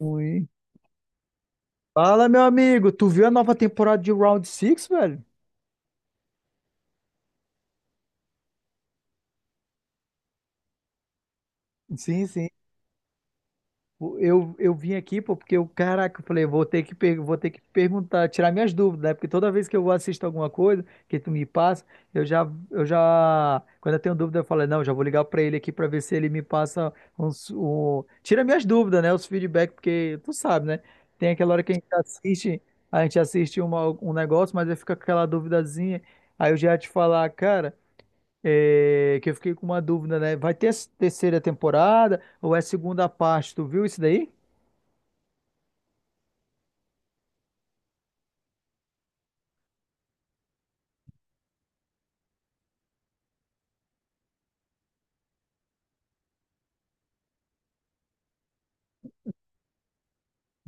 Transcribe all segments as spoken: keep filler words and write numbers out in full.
Ui. Fala, meu amigo, tu viu a nova temporada de Round Six, velho? Sim, sim. Eu, eu vim aqui, pô, porque eu, caraca, eu falei, vou ter que, per- vou ter que perguntar, tirar minhas dúvidas, né? Porque toda vez que eu assisto alguma coisa que tu me passa, eu já, eu já, quando eu tenho dúvida, eu falo, não, já vou ligar pra ele aqui pra ver se ele me passa uns, um, tira minhas dúvidas, né? Os feedbacks, porque tu sabe, né? Tem aquela hora que a gente assiste, a gente assiste uma- um negócio, mas aí fica aquela duvidazinha, aí eu já ia te falar, cara. É, que eu fiquei com uma dúvida, né? Vai ter essa terceira temporada ou é segunda parte? Tu viu isso daí?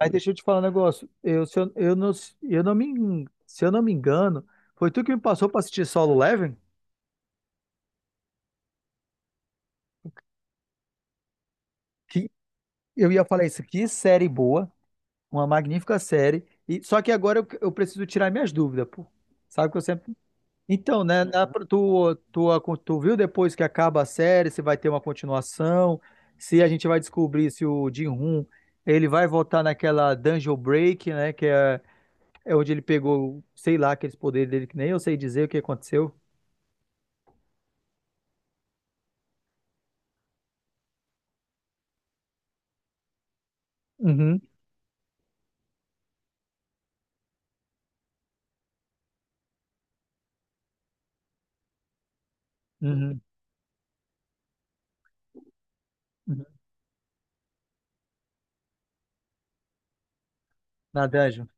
Mas deixa eu te falar um negócio. Eu, se eu, eu não, eu não me, en- Se eu não me engano, foi tu que me passou para assistir Solo Leveling? Que eu ia falar isso. Que série boa, uma magnífica série. E, só que agora eu, eu preciso tirar minhas dúvidas, pô. Sabe que eu sempre. Então, né, na- tu, tu, tu viu depois que acaba a série, se vai ter uma continuação, se a gente vai descobrir se o Jin-Hoon, ele vai voltar naquela Dungeon Break, né, que é, é onde ele pegou, sei lá, aqueles poderes dele, que nem eu sei dizer o que aconteceu. Uhum, uhum, uhum. Na Dungeon.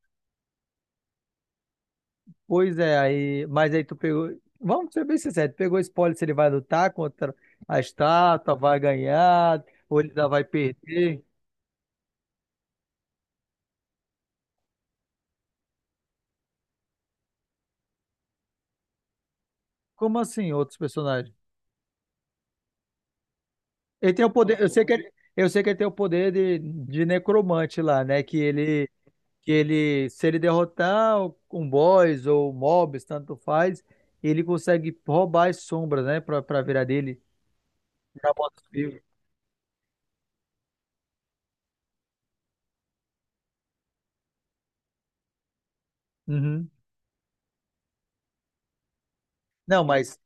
Pois é, aí, mas aí tu pegou, vamos ser bem sinceros, tu pegou spoiler se ele vai lutar contra a estátua, vai ganhar, ou ele ainda vai perder. Como assim, outros personagens? Ele tem o poder, eu sei que Então, ele, eu sei que ele tem o poder de, de necromante lá, né? Que ele, que ele, se ele derrotar um boss ou um mobs, tanto faz, ele consegue roubar as sombras, né? Pra, pra virar dele, virar morto-vivo. Uhum. Não, mas,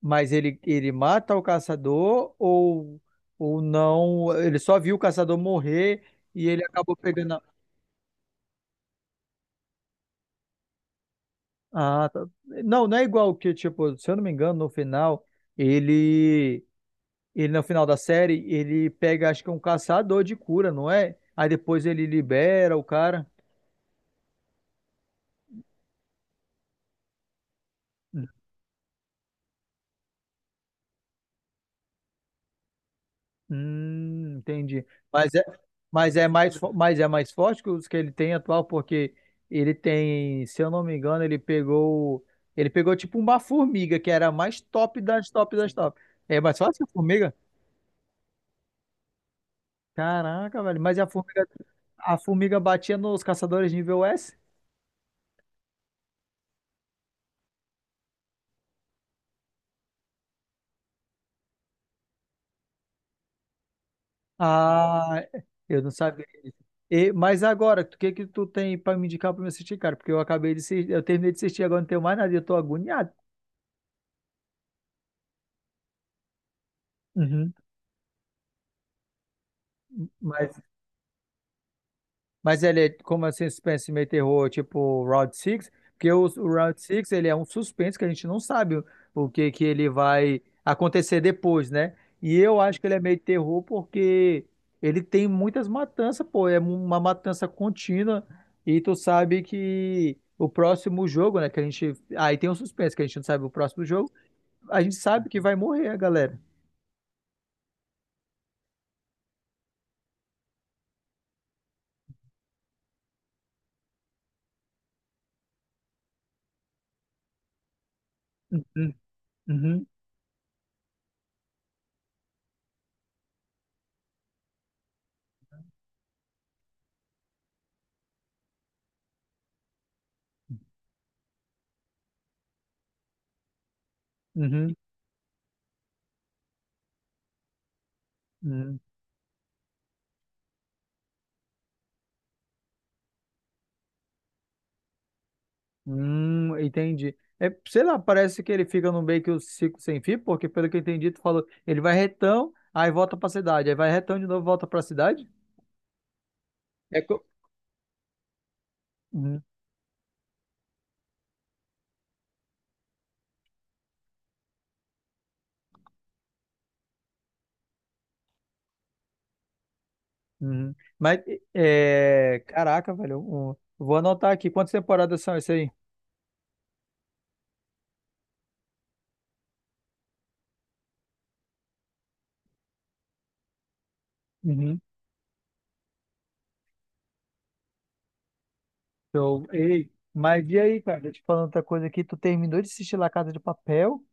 mas ele, ele mata o caçador ou, ou não? Ele só viu o caçador morrer e ele acabou pegando. a- Ah, tá. Não, não é igual que, tipo, se eu não me engano, no final, ele. Ele, no final da série, ele pega, acho que é um caçador de cura, não é? Aí depois ele libera o cara. Hum, entendi. Mas é, mas é mais, fo- mas é mais forte que os que ele tem atual, porque ele tem, se eu não me engano, ele pegou, ele pegou tipo uma formiga, que era a mais top das top das top. É mais forte que a formiga? Caraca, velho. Mas a formiga, a formiga, batia nos caçadores nível S? Ah, eu não sabia disso. E, mas agora, o que que tu tem pra me indicar pra me assistir, cara? Porque eu acabei de assistir, eu terminei de assistir, agora não tenho mais nada, e eu tô agoniado. Uhum. Mas Mas ele é como assim, suspense meio terror, tipo Round Six. Porque o, o Round Six ele é um suspense que a gente não sabe o, o que que ele vai acontecer depois, né? E eu acho que ele é meio terror porque ele tem muitas matanças, pô, é uma matança contínua e tu sabe que o próximo jogo, né, que a gente, aí tem um suspense que a gente não sabe o próximo jogo, a gente sabe que vai morrer a galera. Uhum, uhum, uhum. Hum, entendi. É, sei lá, parece que ele fica no meio que o ciclo sem fim, porque pelo que eu entendi, tu falou, ele vai retão, aí volta pra cidade, aí vai retão de novo, volta pra cidade? É co- Uhum, uhum. Mas, é, caraca, velho, eu- eu vou anotar aqui quantas temporadas são isso aí. Uhum. Então, ei, mas e aí, cara, deixa eu te falando outra coisa aqui, tu terminou de assistir La Casa de Papel?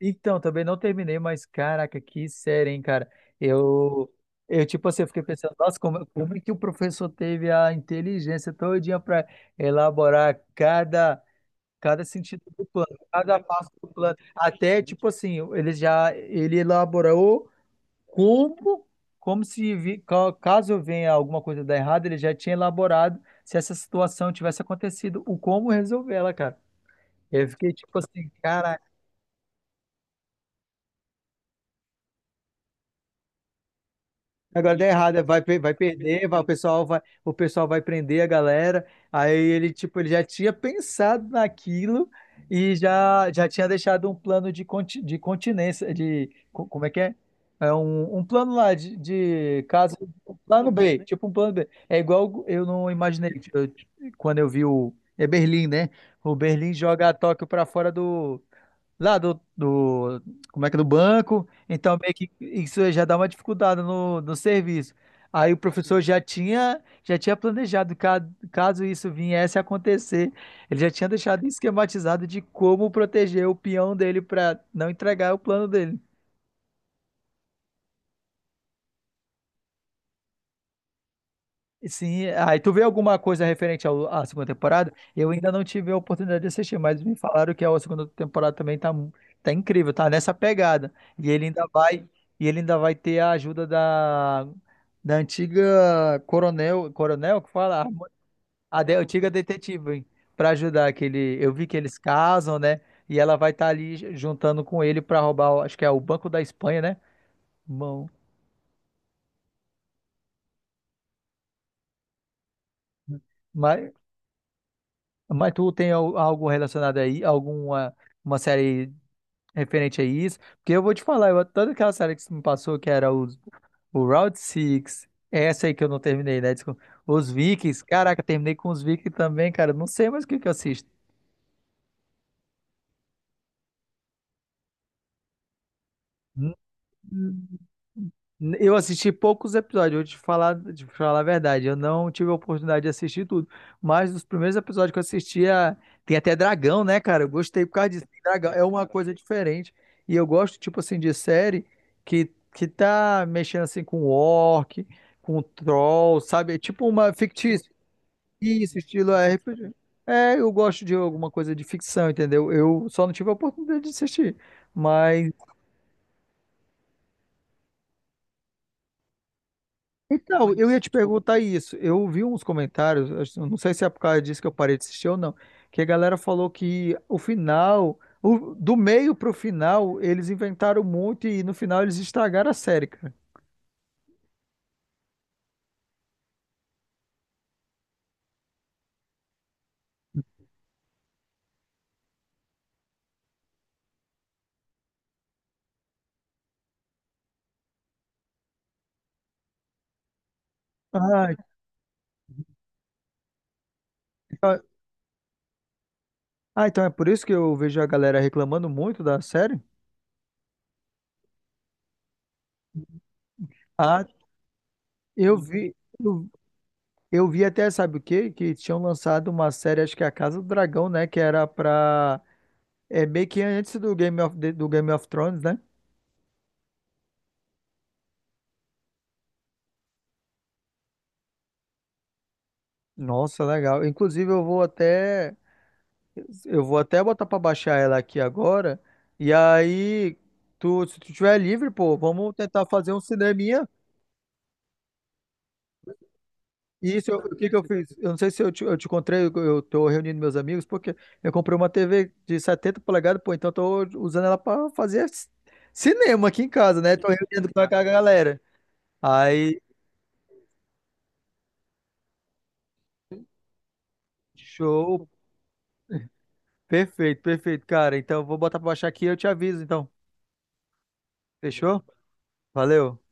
Então, também não terminei, mas caraca, que série, hein, cara. Eu, eu tipo assim, eu fiquei pensando, nossa, como, como é que o professor teve a inteligência todinha para elaborar cada, cada sentido do plano, cada passo do plano. Até, tipo assim, ele já, ele elaborou como, como se, vi- ca- caso venha alguma coisa dar errado, ele já tinha elaborado se essa situação tivesse acontecido, o como resolver ela, cara. Eu fiquei, tipo assim, caraca. Agora deu errado, é, vai, pe- vai perder, vai, o pessoal vai, o pessoal vai prender a galera. Aí ele, tipo, ele já tinha pensado naquilo e já, já tinha deixado um plano de, conti, de continência, de, co- como é que é? É um, um plano lá de, de caso, um plano B, tipo um plano B. É igual eu não imaginei, eu- quando eu vi o, é Berlim, né? O Berlim joga Tóquio pra fora do, lá do, do, como é que é, do banco, então meio que isso já dá uma dificuldade no, no serviço. Aí o professor já tinha, já tinha planejado, ca- caso isso viesse a acontecer, ele já tinha deixado esquematizado de como proteger o peão dele para não entregar o plano dele. Sim, aí tu vê alguma coisa referente ao- à segunda temporada? Eu ainda não tive a oportunidade de assistir, mas me falaram que a segunda temporada também tá, mu- tá incrível, tá nessa pegada. E ele ainda vai, e ele ainda vai ter a ajuda da, da antiga coronel, coronel que fala, a, a de- antiga detetive, para ajudar que ele, eu vi que eles casam, né? E ela vai estar ali juntando com ele para roubar, o- acho que é o Banco da Espanha, né? Bom, mas, mas tu tem al- algo relacionado aí, alguma uma série referente a isso, porque eu vou te falar, eu, toda aquela série que você me passou, que era os, o Round Six essa aí que eu não terminei, né? Desculpa. Os Vikings, caraca, terminei com os Vikings também, cara, eu não sei mais o que que eu assisto. Eu assisti poucos episódios, eu vou te falar, te falar a verdade. Eu não tive a oportunidade de assistir tudo. Mas os primeiros episódios que eu assistia, tem até dragão, né, cara? Eu gostei por causa disso. Tem dragão é uma coisa diferente. E eu gosto, tipo assim, de série que, que tá mexendo assim com orc, com troll, sabe? É tipo uma fictícia. Isso, estilo R P G. É, eu gosto de alguma coisa de ficção, entendeu? Eu só não tive a oportunidade de assistir. Mas Então, eu ia te perguntar isso. Eu vi uns comentários, acho- eu não sei se é por causa disso que eu parei de assistir ou não, que a galera falou que o final, o- do meio pro final, eles inventaram muito e no final eles estragaram a série, cara. Ah, então ah, então é por isso que eu vejo a galera reclamando muito da série? Ah, eu vi, eu, eu vi até, sabe o quê? Que tinham lançado uma série, acho que é a Casa do Dragão, né? Que era pra. É meio que antes do Game of, do Game of Thrones, né? Nossa, legal. Inclusive, eu vou até eu vou até botar pra baixar ela aqui agora. E aí, tu, se tu tiver livre, pô, vamos tentar fazer um cineminha. E isso, eu- o que que eu fiz? Eu não sei se eu te, eu te encontrei, eu eu tô reunindo meus amigos, porque eu comprei uma T V de setenta polegadas, pô, então eu tô usando ela pra fazer c- cinema aqui em casa, né? Tô reunindo com a com a galera. Aí, show. Perfeito, perfeito, cara. Então, eu vou botar pra baixar aqui e eu te aviso, então. Fechou? Valeu.